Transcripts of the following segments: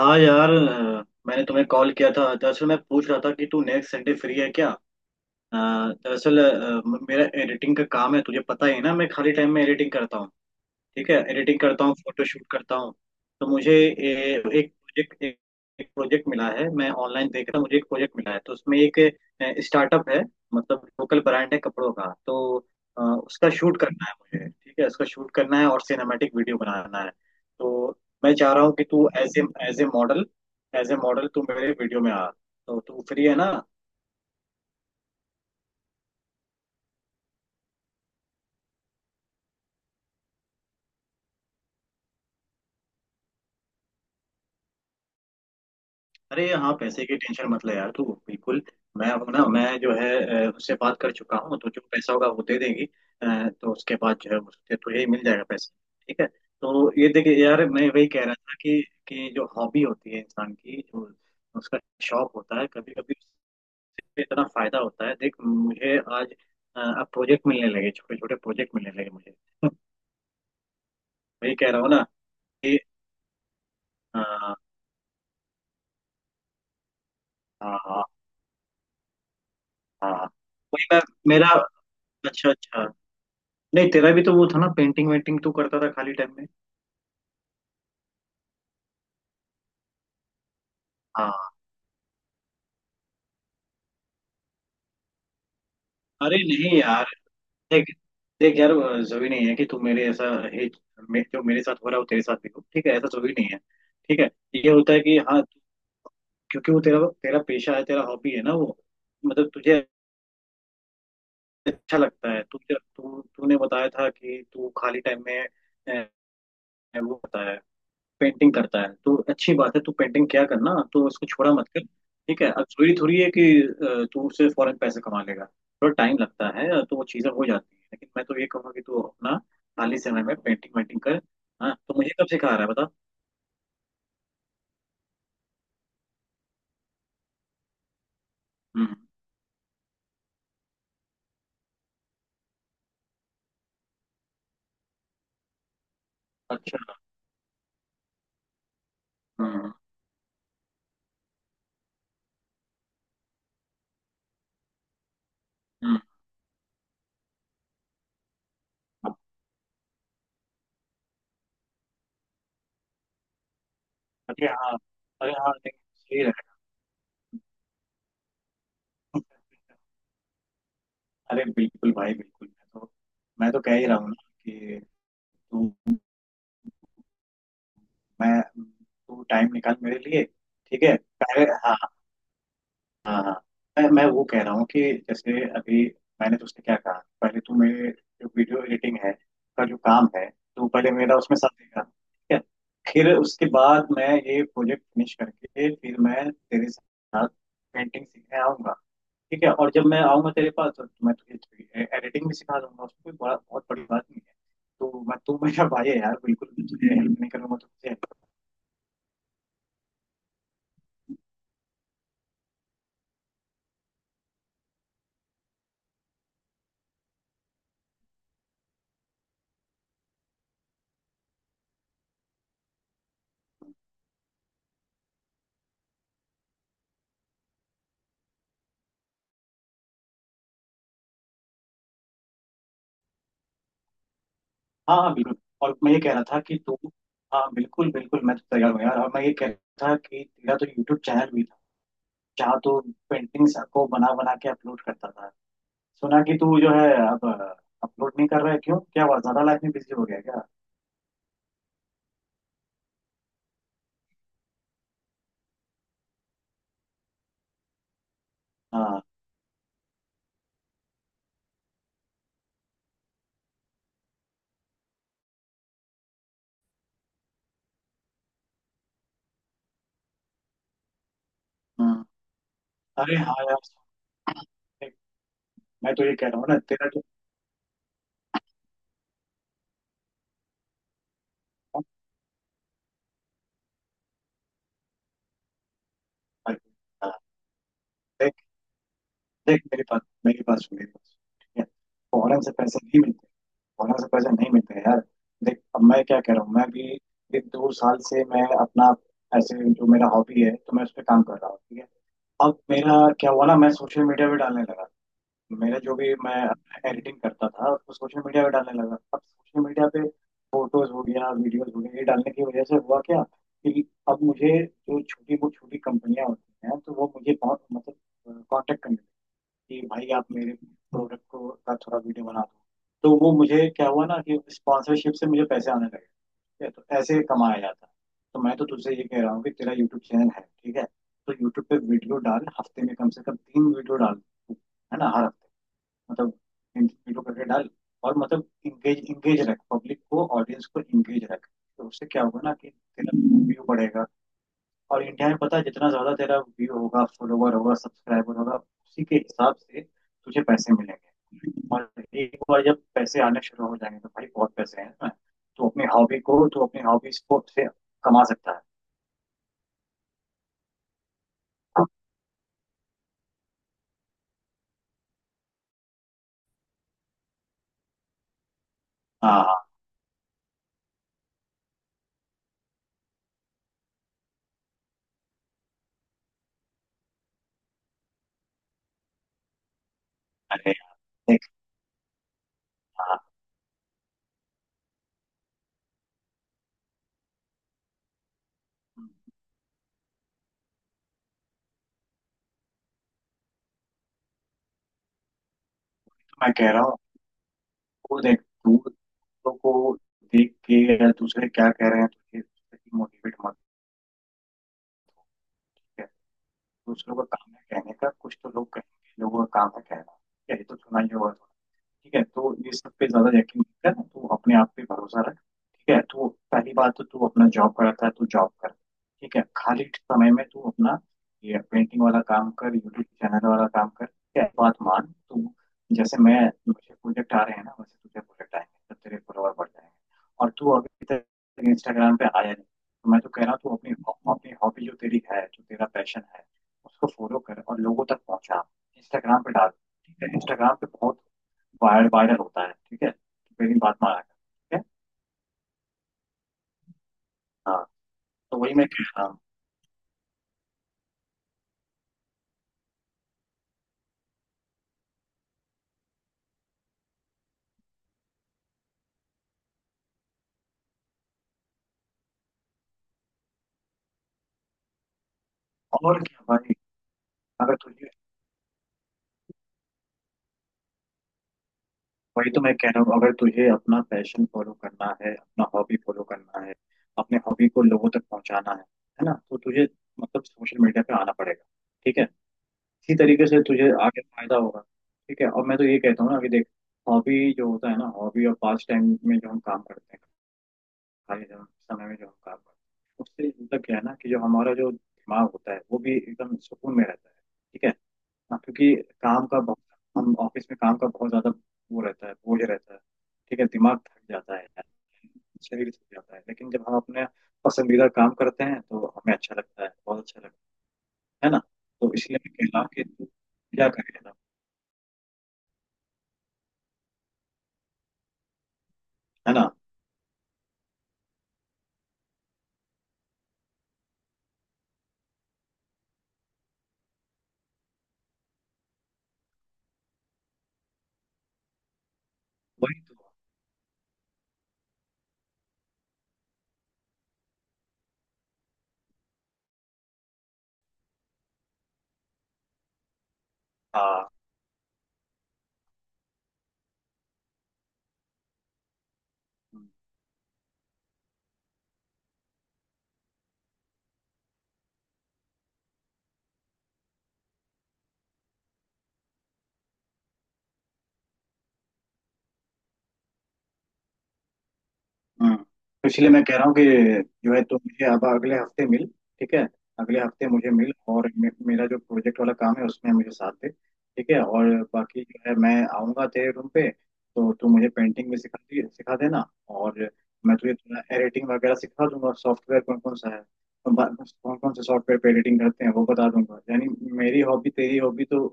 हाँ यार मैंने तुम्हें कॉल किया था। दरअसल मैं पूछ रहा था कि तू नेक्स्ट संडे फ्री है क्या। अ, दरअसल मेरा एडिटिंग का काम है तुझे पता ही है ना मैं खाली टाइम में एडिटिंग करता हूँ। ठीक है एडिटिंग करता हूँ फोटो शूट करता हूँ। तो मुझे एक प्रोजेक्ट एक प्रोजेक्ट मिला है मैं ऑनलाइन देख रहा हूँ मुझे एक प्रोजेक्ट मिला है तो उसमें एक स्टार्टअप है। मतलब लोकल ब्रांड है कपड़ों का। तो उसका शूट करना है मुझे। ठीक है उसका शूट करना है और सिनेमैटिक वीडियो बनाना है। तो मैं चाह रहा हूँ कि तू as a model as a model तू मेरे वीडियो में आ। तो तू फ्री है ना। अरे हाँ, पैसे की टेंशन मत ले यार तू बिल्कुल। मैं अब ना मैं जो है उससे बात कर चुका हूँ तो जो पैसा होगा वो दे देगी। तो उसके बाद जो है उससे तुझे ही मिल जाएगा पैसा। ठीक है तो ये देखिए यार मैं वही कह रहा था कि जो हॉबी होती है इंसान की जो उसका शौक होता है कभी कभी उससे इतना फायदा होता है। देख मुझे आज अब प्रोजेक्ट मिलने लगे छोटे छोटे प्रोजेक्ट मिलने लगे मुझे। वही कह रहा हूँ ना कि हाँ हाँ हाँ हाँ। वही मैं मेरा अच्छा अच्छा। नहीं तेरा भी तो वो था ना पेंटिंग वेंटिंग तू करता था खाली टाइम में। हाँ अरे नहीं यार। देख देख यार जरूरी नहीं है कि तू मेरे ऐसा है जो मेरे साथ हो रहा है वो तेरे साथ भी हो ठीक है ऐसा जरूरी नहीं है। ठीक है ये होता है कि हाँ क्योंकि वो तेरा तेरा पेशा है तेरा हॉबी है ना वो मतलब तुझे अच्छा लगता है तुझे तू तूने बताया था कि तू खाली टाइम में अ, वो होता है पेंटिंग करता है तो अच्छी बात है तू पेंटिंग क्या करना तो इसको छोड़ा मत कर। ठीक है अब थोड़ी थोड़ी है कि तू उससे फौरन पैसे कमा लेगा। थोड़ा टाइम लगता है तो वो चीज़ें हो जाती है लेकिन मैं तो ये कहूँगा कि तू अपना खाली समय में पेंटिंग वेंटिंग कर। हाँ तो मुझे कब सिखा रहा है बता। हम्म अच्छा। हम्म। हम्म। अरे हाँ। अरे हाँ, नहीं, सही रहा। अरे बिल्कुल भाई बिल्कुल मैं तो कह ही रहा हूँ ना कि तू मैं तू टाइम निकाल मेरे लिए ठीक है पहले हाँ हाँ हाँ। मैं वो कह रहा हूँ कि जैसे अभी मैंने तो उससे क्या कहा पहले तो मेरे जो वीडियो एडिटिंग है का जो काम है तो पहले मेरा उसमें साथ देगा ठीक है फिर उसके बाद मैं ये प्रोजेक्ट फिनिश करके फिर मैं तेरे साथ पेंटिंग सीखने आऊंगा। ठीक है और जब मैं आऊंगा तेरे पास तो मैं तुझे एडिटिंग भी सिखा दूंगा उसमें कोई बड़ा बहुत बड़ी बात नहीं है। तो मैं तू मेरा भाई है यार बिल्कुल तुझे हेल्प नहीं करूंगा तो तुझे हाँ हाँ बिल्कुल। और मैं ये कह रहा था कि तू हाँ बिल्कुल बिल्कुल मैं तो तैयार हूँ यार। और मैं ये कह रहा था कि तेरा तो यूट्यूब चैनल भी था जहाँ तू पेंटिंग्स को बना बना के अपलोड करता था। सुना कि तू जो है अब अपलोड नहीं कर रहा है क्यों क्या हुआ ज्यादा लाइफ में बिजी हो गया क्या। हाँ। हम्म। अरे हाँ यार मैं तो ये कह रहा हूँ ना तेरा जो हाँ, देख मेरे पास ठीक है फौरन से पैसे नहीं मिलते। फौरन से पैसे नहीं मिलते यार। देख अब मैं क्या कह रहा हूँ मैं भी एक दो साल से मैं अपना ऐसे जो मेरा हॉबी है तो मैं उस पर काम कर रहा हूँ। ठीक है अब मेरा क्या हुआ ना मैं सोशल मीडिया पे डालने लगा मेरा जो भी मैं एडिटिंग करता था उसको सोशल मीडिया पे डालने लगा। अब सोशल मीडिया पे फोटोज हो गया वीडियोज हो गया ये डालने की वजह से हुआ क्या कि अब मुझे जो छोटी कंपनियां होती हैं तो वो मुझे बहुत मतलब कांटेक्ट करने कि भाई आप मेरे प्रोडक्ट को का थोड़ा वीडियो बना दो तो वो मुझे क्या हुआ ना कि स्पॉन्सरशिप से मुझे पैसे आने लगे। ठीक है तो ऐसे कमाया जाता है। तो मैं तो तुझसे ये कह रहा हूँ कि तेरा यूट्यूब चैनल है ठीक है तो यूट्यूब पे वीडियो डाल हफ्ते में कम से कम तीन वीडियो डाल तू, है ना हर हफ्ते मतलब तीन वीडियो करके डाल और मतलब इंगेज इंगेज रख पब्लिक को ऑडियंस को इंगेज रख। तो उससे क्या होगा ना कि तेरा व्यू बढ़ेगा। और इंडिया में पता है जितना ज्यादा तेरा व्यू होगा फॉलोवर होगा सब्सक्राइबर होगा उसी के हिसाब से तुझे पैसे मिलेंगे। और एक बार जब पैसे आने शुरू हो जाएंगे तो भाई बहुत पैसे हैं इसमें। तो अपनी हॉबी को तो अपनी हॉबी स्पोर्ट से कमा सकता है। हाँ हाँ, अरे यार, देख हाँ हम्म, मैं कह रहा हूँ वो देख तू दूसरों को देख के या दूसरे क्या कह रहे हैं तुझे मोटिवेट मत कर। दूसरों का काम है कहने का कुछ तो लोग कहेंगे लोगों का काम है कहना यही तो सुना ही होगा। ठीक है तो ये सब पे ज्यादा यकीन नहीं कर तू अपने आप पे भरोसा रख ठीक है तो पहली बात तो तू अपना जॉब करता है तो जॉब कर। ठीक है खाली समय में तू अपना ये पेंटिंग वाला काम कर यूट्यूब चैनल वाला काम कर ठीक है बात मान तू जैसे मैं मुझे प्रोजेक्ट आ रहे हैं ना वैसे तुझे प्रोजेक्ट आएंगे तो तेरे फॉलोअर बढ़ जाएंगे। और तू अभी तक इंस्टाग्राम पे आया नहीं। तो मैं तो कह रहा हूँ तू अपनी अपनी हॉबी जो तेरी है जो तेरा पैशन है उसको फॉलो कर और लोगों तक पहुंचा इंस्टाग्राम पे डाल। ठीक है इंस्टाग्राम पे बहुत वायरल होता है ठीक है तो मेरी बात मान ठीक है। हाँ तो वही मैं कह रहा हूँ। और क्या भाई अगर तुझे वही तो मैं कह रहा हूँ अगर तुझे अपना पैशन फॉलो करना है अपना हॉबी फॉलो करना है अपने हॉबी को लोगों तक पहुंचाना है ना तो तुझे मतलब सोशल मीडिया पे आना पड़ेगा। ठीक है इसी तरीके से तुझे आगे फायदा होगा। ठीक है और मैं तो ये कहता हूँ ना कि देख हॉबी जो होता है ना हॉबी और पास टाइम में जो हम काम करते हैं खाली जगह समय में जो हम काम करते हैं उससे मतलब क्या है ना कि जो हमारा जो दिमाग होता है वो भी एकदम सुकून में रहता है। ठीक है हाँ, क्योंकि काम का बहुत हम ऑफिस में काम का बहुत ज्यादा वो रहता है बोझ रहता है। ठीक है दिमाग थक जाता है शरीर थक जाता है लेकिन जब हम अपने पसंदीदा काम करते हैं तो हमें अच्छा लगता है बहुत अच्छा लगता है ना। तो इसलिए मैं कहता हूँ कि क्या करें ना है ना वही तो हाँ। तो इसलिए मैं कह रहा हूँ कि जो है तुम मुझे अब अगले हफ्ते मिल ठीक है अगले हफ्ते मुझे मिल और मेरा जो प्रोजेक्ट वाला काम है उसमें मुझे साथ दे ठीक है। और बाकी जो है मैं आऊँगा तेरे रूम पे तो तू मुझे पेंटिंग भी सिखा देना। और मैं तुझे थोड़ा एडिटिंग वगैरह सिखा दूंगा सॉफ्टवेयर कौन कौन सा है कौन कौन से सॉफ्टवेयर पे एडिटिंग करते हैं वो बता दूंगा यानी मेरी हॉबी तेरी हॉबी तो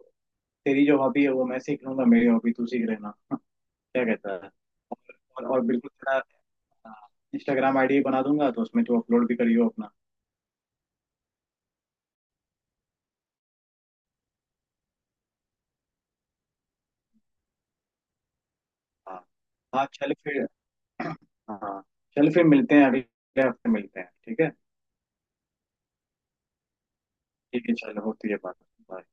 तेरी जो हॉबी है वो मैं सीख लूंगा मेरी हॉबी तू सीख लेना क्या कहता है। और बिल्कुल तेरा इंस्टाग्राम आईडी बना दूंगा तो उसमें तू अपलोड भी करियो अपना। हाँ हाँ चल फिर हाँ चल फिर मिलते हैं अगले हफ्ते मिलते हैं ठीक है। ठीक है चलो होती है बात। Bye.